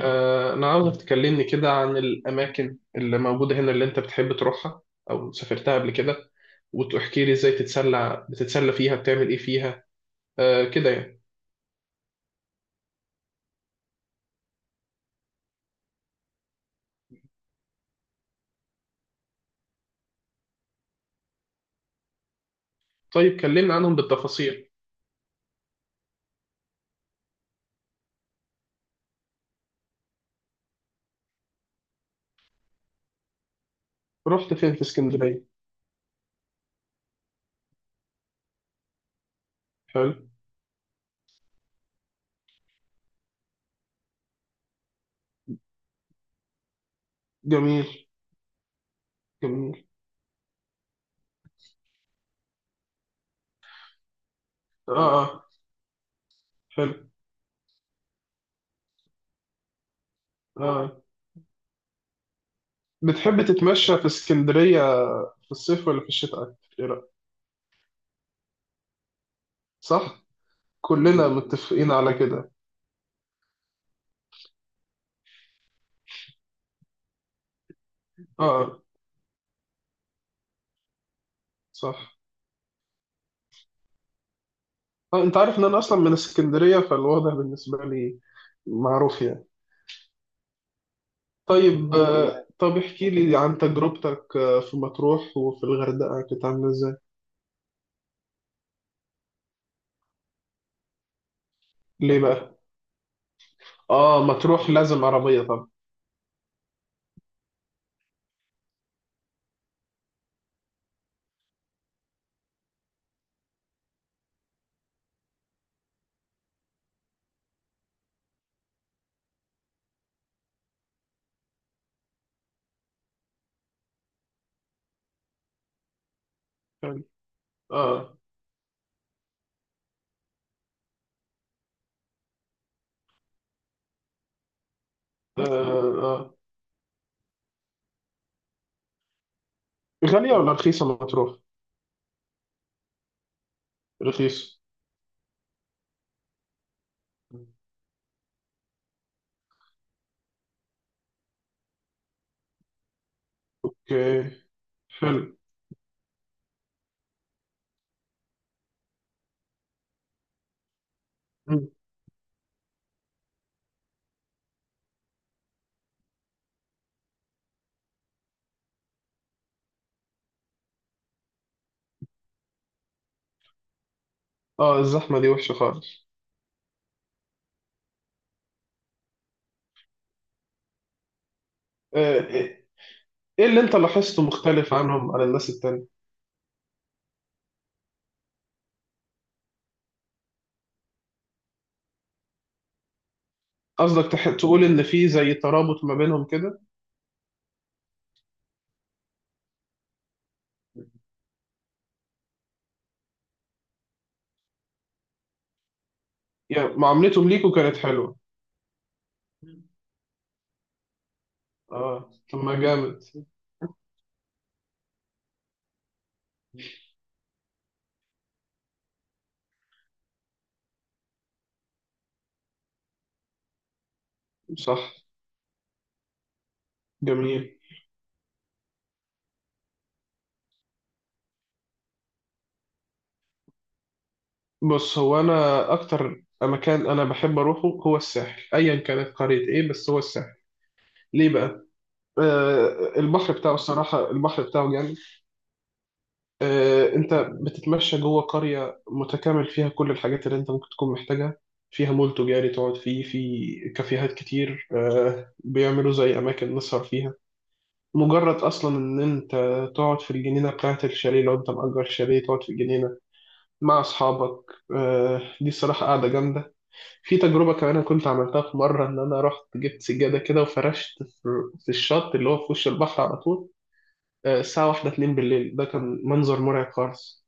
أنا عاوزك تكلمني كده عن الأماكن اللي موجودة هنا اللي أنت بتحب تروحها أو سافرتها قبل كده، وتحكي لي إزاي تتسلى، بتتسلى فيها بتعمل إيه فيها. آه كده يعني. طيب كلمنا عنهم بالتفاصيل. رحت فين في اسكندرية؟ حلو. جميل جميل. آه. آه. حلو. آه، بتحب تتمشى في اسكندرية في الصيف ولا في الشتاء، إيه رأيك؟ صح، كلنا متفقين على كده. آه، آه، صح. طيب انت عارف ان انا اصلا من اسكندريه، فالوضع بالنسبه لي معروف يعني. طيب طب احكي لي عن تجربتك في مطروح وفي الغردقه، كانت عامله ازاي؟ ليه بقى؟ اه مطروح لازم عربيه طبعا يعني. اه، اه، آه. غاليه ولا رخيصه مطروح؟ رخيصه. اوكي. حلو. مم. اه الزحمه دي وحشه خالص. ايه؟ إيه اللي انت لاحظته مختلف عنهم عن الناس التانية؟ قصدك تقول ان في زي ترابط ما بينهم كده؟ يعني معاملتهم ليكوا كانت حلوه؟ اه طب ما جامد. صح. جميل. بص، هو انا اكتر مكان انا بحب اروحه هو الساحل، ايا كانت قرية ايه بس هو الساحل. ليه بقى؟ آه، البحر بتاعه الصراحة البحر بتاعه جامد. آه انت بتتمشى جوه قرية متكامل فيها كل الحاجات اللي انت ممكن تكون محتاجها، فيها مول تجاري تقعد فيه، في كافيهات كتير آه بيعملوا زي اماكن نسهر فيها. مجرد اصلا ان انت تقعد في الجنينه بتاعت الشاليه، لو انت مأجر شاليه تقعد في الجنينه مع أصحابك، دي الصراحة قاعدة جامدة. في تجربة كمان أنا كنت عملتها في مرة، إن أنا رحت جبت سجادة كده وفرشت في الشط اللي هو في وش البحر على طول. آه، الساعة واحدة اتنين بالليل، ده كان منظر مرعب خالص،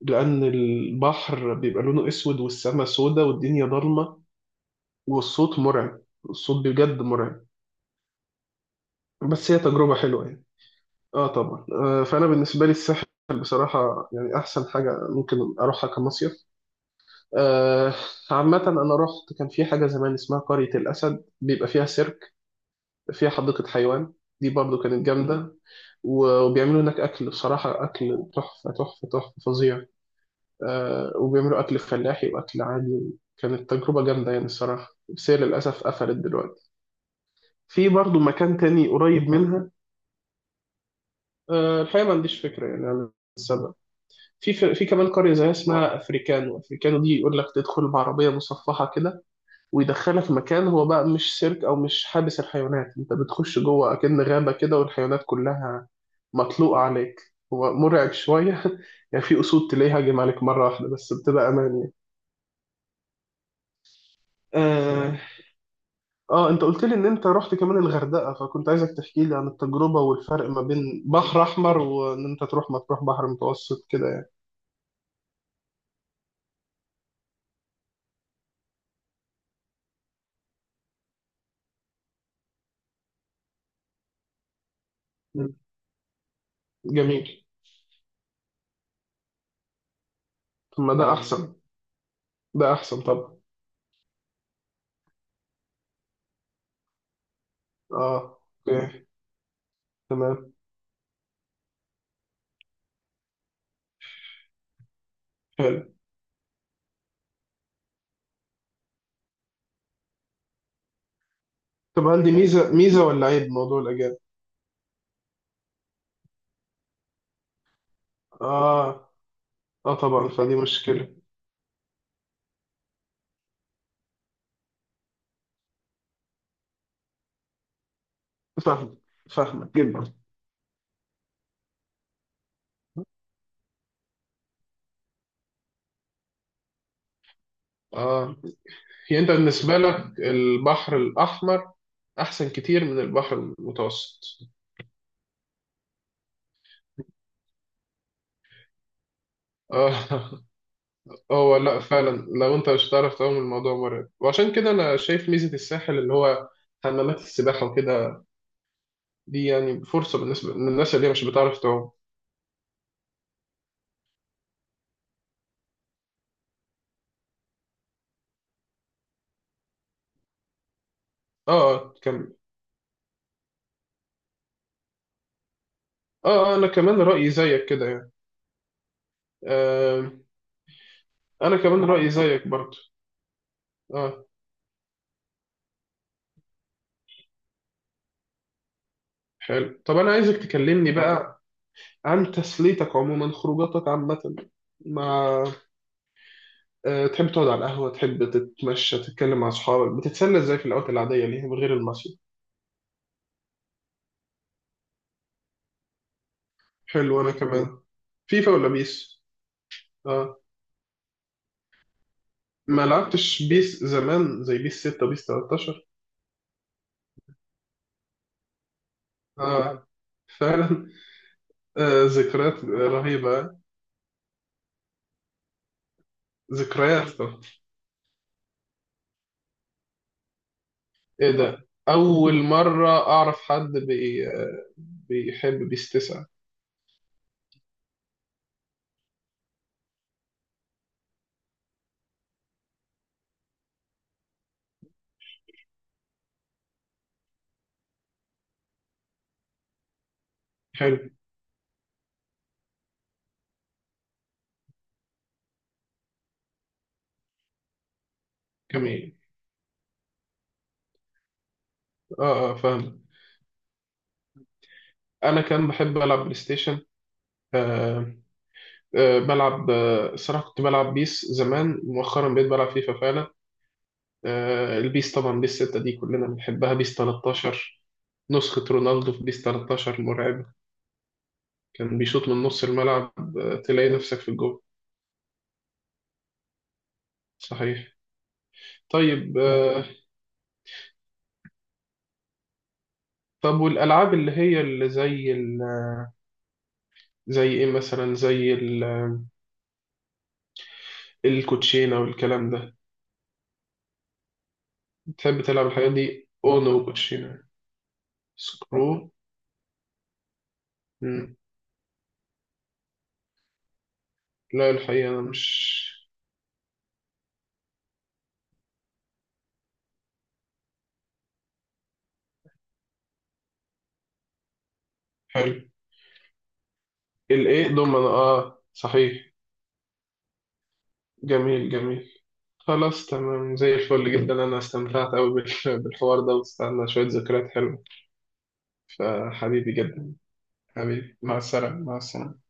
لأن البحر بيبقى لونه أسود والسماء سودة والدنيا ضلمة والصوت مرعب. الصوت بجد مرعب. بس هي تجربة حلوة يعني. آه طبعا. فأنا بالنسبة لي الساحل بصراحة يعني أحسن حاجة ممكن أروحها كمصيف. آه، عامة أنا رحت كان في حاجة زمان اسمها قرية الأسد، بيبقى فيها سيرك، فيها حديقة حيوان. دي برضو كانت جامدة. وبيعملوا هناك أكل، بصراحة أكل تحفة تحفة تحفة، فظيع. آه، وبيعملوا أكل فلاحي وأكل عادي. كانت تجربة جامدة يعني الصراحة، بس هي للأسف قفلت دلوقتي. في برضو مكان تاني قريب منها. آه، الحقيقة ما عنديش فكرة يعني عن السبب. في في كمان قرية زيها اسمها أفريكانو. أفريكانو دي يقول لك تدخل بعربية مصفحة كده، ويدخلها في مكان، هو بقى مش سيرك او مش حابس الحيوانات، انت بتخش جوه اكن غابة كده والحيوانات كلها مطلوقة عليك. هو مرعب شوية يعني، في اسود تلاقيها هاجم عليك مرة واحدة، بس بتبقى امان يعني. آه. اه انت قلت لي ان انت رحت كمان الغردقة، فكنت عايزك تحكي لي عن التجربة والفرق ما بين بحر احمر وان انت تروح ما تروح بحر متوسط كده يعني. مم. جميل. طب ما ده احسن. ده احسن طبعا. اه. اوكي. تمام. حلو. طب هل دي ميزة ميزة ولا عيب، موضوع الأجانب؟ اه، اه طبعا فدي مشكلة. فاهمك. فاهمك جدا. اه. يعني انت بالنسبة لك البحر الأحمر أحسن كتير من البحر المتوسط. اه هو لا فعلا، لو انت مش هتعرف تعوم الموضوع مرعب، وعشان كده انا شايف ميزة الساحل اللي هو حمامات السباحة وكده، دي يعني فرصة بالنسبة للناس اللي هي مش بتعرف تعوم. اه اه كمل. اه انا كمان رأيي زيك كده يعني. آه انا كمان رأيي زيك برضه. اه. حلو طب انا عايزك تكلمني بقى عن تسليتك عموما، خروجاتك عامة مع، آه، تحب تقعد على القهوة، تحب تتمشى تتكلم مع أصحابك، بتتسلى إزاي في الأوقات العادية اللي هي من غير المصيف؟ حلو أنا كمان. فيفا ولا بيس؟ آه. ما لعبتش بيس زمان زي بيس 6 بيس 13؟ آه فعلا. آه ذكريات رهيبة. ذكريات. إيه ده، أول مرة أعرف حد بي آه، بيحب بيس 9. حلو. جميل. آه آه فاهم. أنا كان بحب ألعب بلاي ستيشن. آه، بلعب الصراحة كنت بلعب بيس زمان، مؤخرا بقيت بلعب فيفا فعلا. آه، البيس طبعا بيس 6 دي كلنا بنحبها، بيس 13 نسخة رونالدو في بيس 13 مرعبة. كان بيشوط من نص الملعب آه، تلاقي نفسك في الجول. صحيح. طيب آه، طب والألعاب اللي هي اللي زي ال... زي إيه مثلا، زي ال... الكوتشينة والكلام ده، بتحب تلعب الحاجات دي، أونو وكوتشينة؟ سكرو. مم. لا الحقيقة أنا مش. حلو. الايه ضمن، اه صحيح. جميل جميل. خلاص تمام زي الفل جدا، انا استمتعت قوي بالحوار ده واستنى شوية ذكريات حلوة. فحبيبي جدا. حبيبي، مع السلامة، مع السلامة.